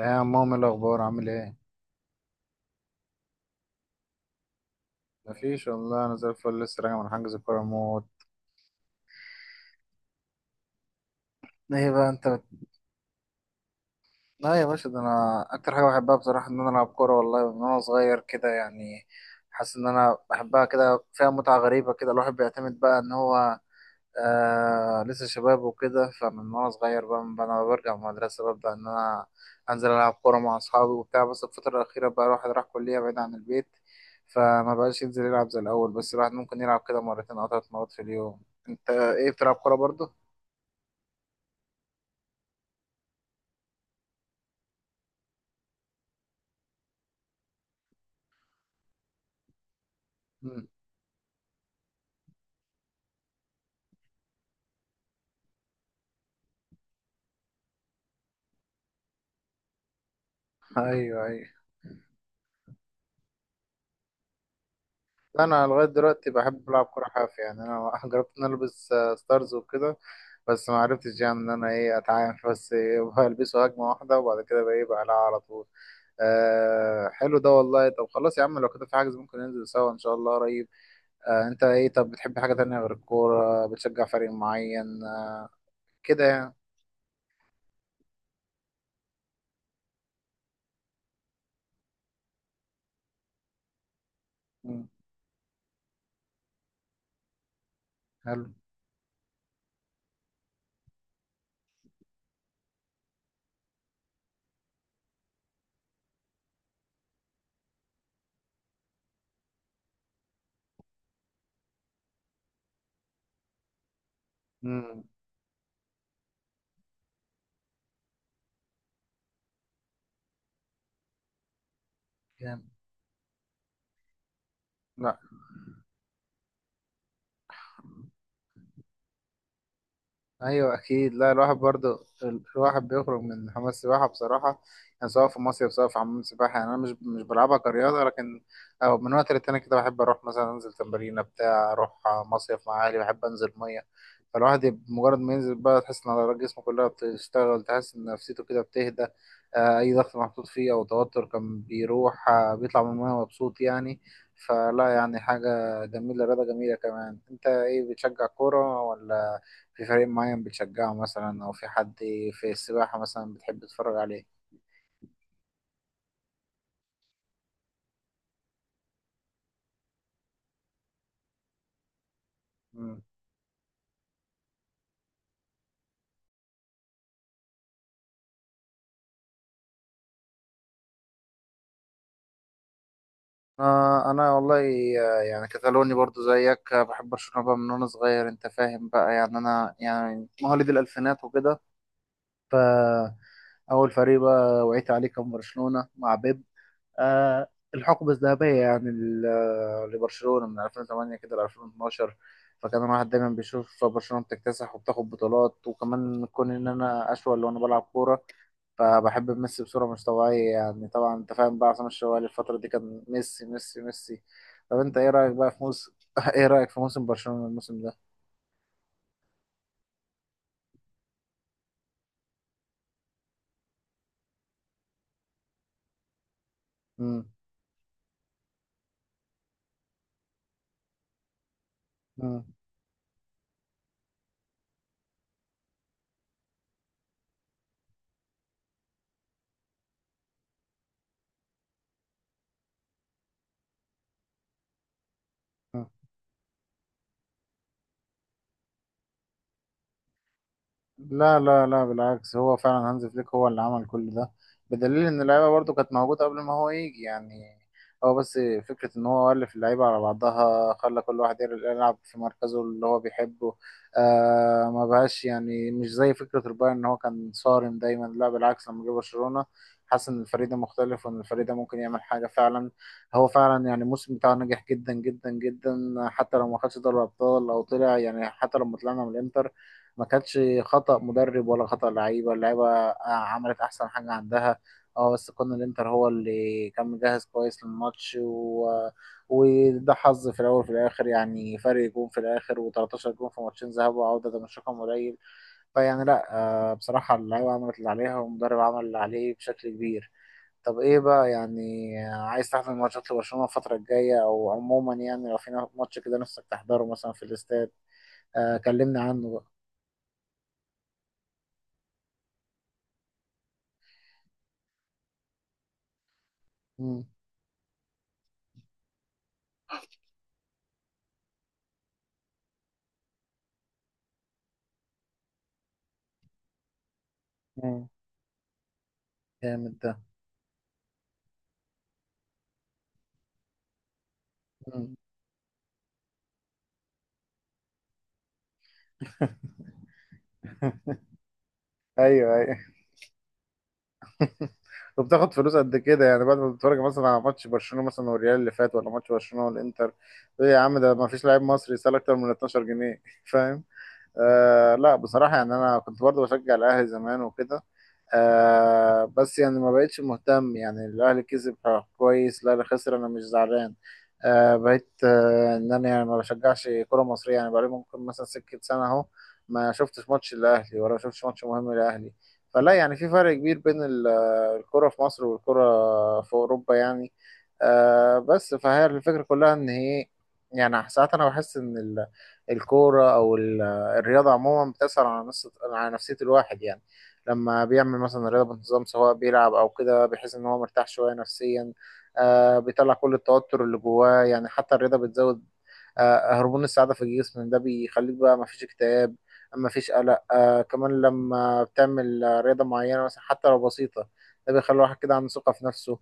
إيه يا عم، إيه الأخبار؟ عامل إيه؟ مفيش والله، أنا زي الفل، لسه راجع من حجز كورة موت. إيه بقى أنت بت... لا يا باشا، ده أنا أكتر حاجة بحبها بصراحة إن أنا ألعب كورة. والله من وأنا صغير كده يعني، حاسس إن أنا بحبها، كده فيها متعة غريبة. كده الواحد بيعتمد بقى إن هو لسه شباب وكده. فمن وانا صغير بقى، من انا برجع من المدرسه ببدا ان انا انزل العب كوره مع اصحابي وبتاع. بس الفتره الاخيره بقى الواحد راح كليه بعيد عن البيت، فما بقاش ينزل يلعب زي الاول. بس الواحد ممكن يلعب كده مرتين او ثلاث مرات في اليوم. انت ايه، بتلعب كوره برضه؟ مم. ايوه، ايوه. لا، انا لغايه دلوقتي بحب العب كوره حافي. يعني انا جربت ان أنا البس ستارز وكده، بس ما عرفتش يعني ان انا ايه اتعامل. بس إيه، بلبسه هجمه واحده وبعد كده بقى ايه بقلعها على طول. آه حلو ده والله. طب خلاص يا عم، لو كده في حاجز ممكن ننزل سوا ان شاء الله قريب. آه، انت ايه؟ طب بتحب حاجة تانية غير الكورة؟ بتشجع فريق معين؟ آه كده يعني. مم. حلو. مم. جامد. لا. ايوه اكيد. لا الواحد برضو الواحد بيخرج من حمام السباحه بصراحه يعني، سواء في مصيف سواء في حمام السباحه. يعني انا مش بلعبها كرياضه، لكن أو من وقت للتاني كده بحب اروح مثلا انزل تمرينه، بتاع اروح مصيف مع اهلي، بحب انزل ميه. فالواحد مجرد ما ينزل بقى تحس ان عضلات جسمه كلها بتشتغل، تحس ان نفسيته كده بتهدى. اي ضغط محطوط فيه او توتر كان بيروح، بيطلع من الميه مبسوط يعني. فلا يعني حاجه جميله، رياضه جميله. كمان انت ايه، بتشجع كوره ولا في فريق معين بتشجعه مثلا، او في حد في السباحة مثلا بتحب تتفرج عليه؟ مم. آه انا والله، يعني كتالوني برضو زيك. بحب برشلونة بقى من وانا صغير، انت فاهم بقى يعني. انا يعني مواليد الالفينات وكده، ف اول فريق بقى وعيت عليه كان برشلونة مع بيب. آه، الحقبة الذهبية يعني، لبرشلونة من 2008 كده ل 2012. فكان الواحد دايما بيشوف برشلونة بتكتسح وبتاخد بطولات، وكمان كون إن أنا أشول وأنا بلعب كورة، فبحب ميسي بصورة مش طبيعية يعني. طبعا أنت فاهم بقى، عصام الشوالي الفترة دي كان ميسي ميسي ميسي. طب أنت إيه رأيك بقى في موسم إيه رأيك في موسم برشلونة الموسم ده؟ مم. مم. لا لا لا، بالعكس، هو فعلا هانز فليك هو اللي عمل كل ده، بدليل ان اللعيبه برضو كانت موجوده قبل ما هو يجي يعني. هو بس فكره ان هو الف اللعيبه على بعضها، خلى كل واحد يلعب في مركزه اللي هو بيحبه. آه، ما بقاش يعني مش زي فكره البايرن ان هو كان صارم دايما. لا بالعكس، لما جه برشلونه حاسس ان الفريق ده مختلف، وان الفريق ده ممكن يعمل حاجه فعلا. هو فعلا يعني الموسم بتاعه نجح جدا جدا جدا، حتى لو ما خدش دوري الابطال او طلع يعني. حتى لما طلعنا من الانتر ما كانتش خطأ مدرب ولا خطأ لعيبة. اللعيبة عملت أحسن حاجة عندها، اه بس كان الانتر هو اللي كان مجهز كويس للماتش و... وده حظ في الأول وفي الآخر يعني. فرق جون في الآخر و13 جون في ماتشين، ذهاب وعودة، ده مش رقم قليل. فيعني لأ، آه بصراحة اللعيبة عملت اللي عليها والمدرب عمل اللي عليه بشكل كبير. طب ايه بقى يعني، عايز تحضر ماتشات لبرشلونة الفترة الجاية؟ أو عموما يعني لو في ماتش كده نفسك تحضره مثلا في الاستاد، آه كلمني عنه بقى. مم. مم. جامد ده. مم. ايوه ايوه. وبتاخد فلوس قد كده يعني؟ بعد ما بتتفرج مثلا على ماتش برشلونه مثلا والريال اللي فات، ولا ماتش برشلونه والانتر، تقول يا عم ده ما فيش لاعب مصري يسال اكتر من 12 جنيه. فاهم؟ آه لا بصراحة يعني، أنا كنت برضه بشجع الأهلي زمان وكده، آه بس يعني ما بقتش مهتم يعني. الأهلي كسب، كويس، الأهلي خسر، أنا مش زعلان. آه بقيت إن أنا يعني ما بشجعش كرة مصرية يعني. بقالي ممكن مثلا سكة سنة أهو ما شفتش ماتش الأهلي ولا شفتش ماتش مهم للأهلي. فلا يعني في فرق كبير بين الكرة في مصر والكرة في أوروبا يعني. آه بس فهي الفكرة كلها إن هي، يعني ساعات أنا بحس إن ال- الكورة أو ال الرياضة عموما بتأثر على نفسية الواحد يعني. لما بيعمل مثلا رياضة بانتظام، سواء بيلعب أو كده، بيحس إن هو مرتاح شوية نفسيا، آه بيطلع كل التوتر اللي جواه يعني. حتى الرياضة بتزود آه هرمون السعادة في الجسم، ده بيخليك بقى مفيش اكتئاب، مفيش قلق. آه كمان لما بتعمل رياضة معينة مثلا، حتى لو بسيطة، ده بيخلي الواحد كده عنده ثقة في نفسه.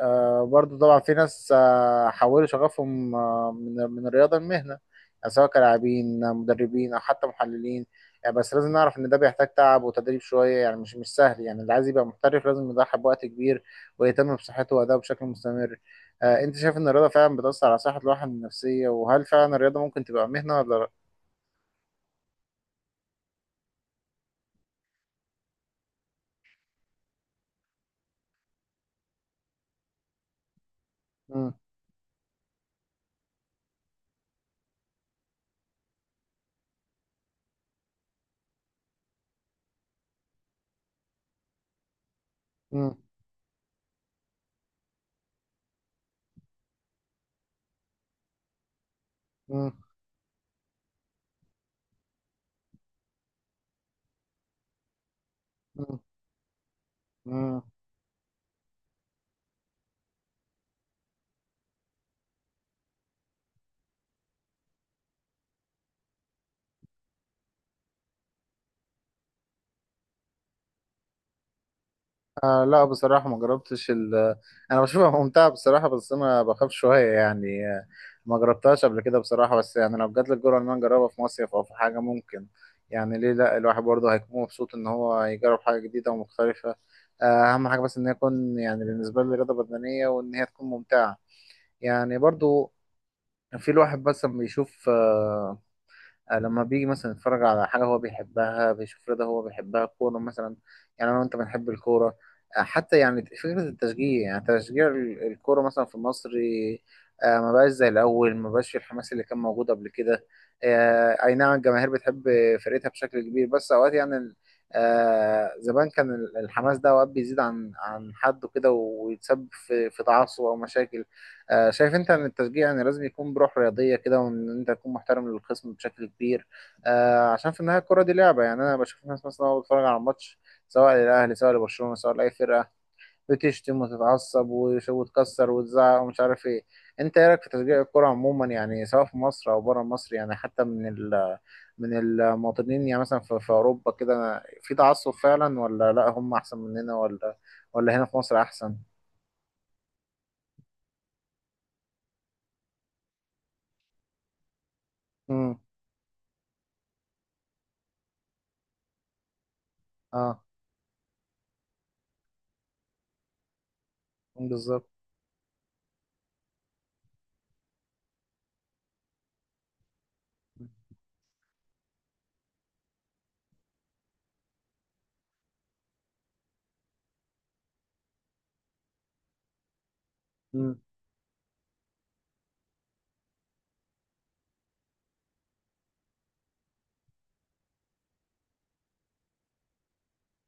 آه برضو طبعا في ناس حولوا شغفهم من الرياضة لمهنة، يعني سواء كلاعبين، مدربين أو حتى محللين يعني. بس لازم نعرف إن ده بيحتاج تعب وتدريب شوية يعني، مش سهل يعني. اللي عايز يبقى محترف لازم يضحي بوقت كبير ويهتم بصحته وأدائه بشكل مستمر. آه، أنت شايف إن الرياضة فعلا بتأثر على صحة الواحد النفسية؟ وهل فعلا الرياضة ممكن تبقى مهنة ولا لأ؟ مم. مم. مم. مم. مم. آه لا بصراحة ما جربتش أنا بشوفها ممتعة بصراحة، بس أنا بخاف شوية يعني. ما جربتهاش قبل كده بصراحة، بس يعني لو جات لي الجرأة إن أنا أجربها في مصيف أو في حاجة، ممكن يعني، ليه لا؟ الواحد برضه هيكون مبسوط إن هو يجرب حاجة جديدة ومختلفة. آه، أهم حاجة بس إن هي تكون يعني بالنسبة لي رياضة بدنية، وإن هي تكون ممتعة يعني. برضه في الواحد بس لما يشوف، لما بيجي مثلا يتفرج على حاجة هو بيحبها، بيشوف رضا هو بيحبها، كورة مثلا. يعني أنا وأنت بنحب الكورة. حتى يعني فكرة التشجيع، يعني تشجيع الكورة مثلا في مصر، ما بقاش زي الأول، ما بقاش في الحماس اللي كان موجود قبل كده. أي نعم الجماهير بتحب فرقتها بشكل كبير، بس أوقات يعني زمان كان الحماس ده أوقات بيزيد عن حده كده، ويتسبب في تعصب أو مشاكل. شايف انت ان التشجيع يعني لازم يكون بروح رياضيه كده، وان انت تكون محترم للخصم بشكل كبير، عشان في النهايه الكره دي لعبه يعني. انا بشوف ناس مثلا وهو بتفرج على الماتش، سواء للاهلي سواء لبرشلونه سواء لاي فرقه، بتشتم وتتعصب وتكسر وتزعق ومش عارف ايه. انت ايه رايك في تشجيع الكره عموما يعني، سواء في مصر او بره مصر؟ يعني حتى من من المواطنين يعني، مثلا في اوروبا كده في تعصب فعلا، ولا لا هم احسن مننا، ولا هنا في مصر احسن؟ امم. اه. بالظبط.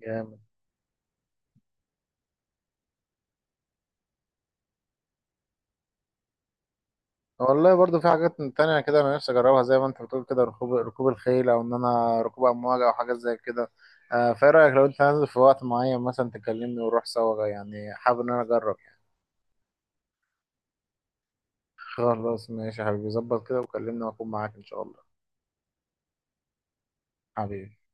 جامد. والله برضو في حاجات تانية كده انا نفسي اجربها، زي ما انت بتقول كده، ركوب الخيل او ان انا ركوب امواج او حاجات زي كده. فايه رايك لو انت نازل في وقت معين مثلا تكلمني ونروح سوا؟ يعني حابب ان انا اجرب يعني. خلاص ماشي يا حبيبي، ظبط كده وكلمني واكون معاك ان شاء الله. حبيبي.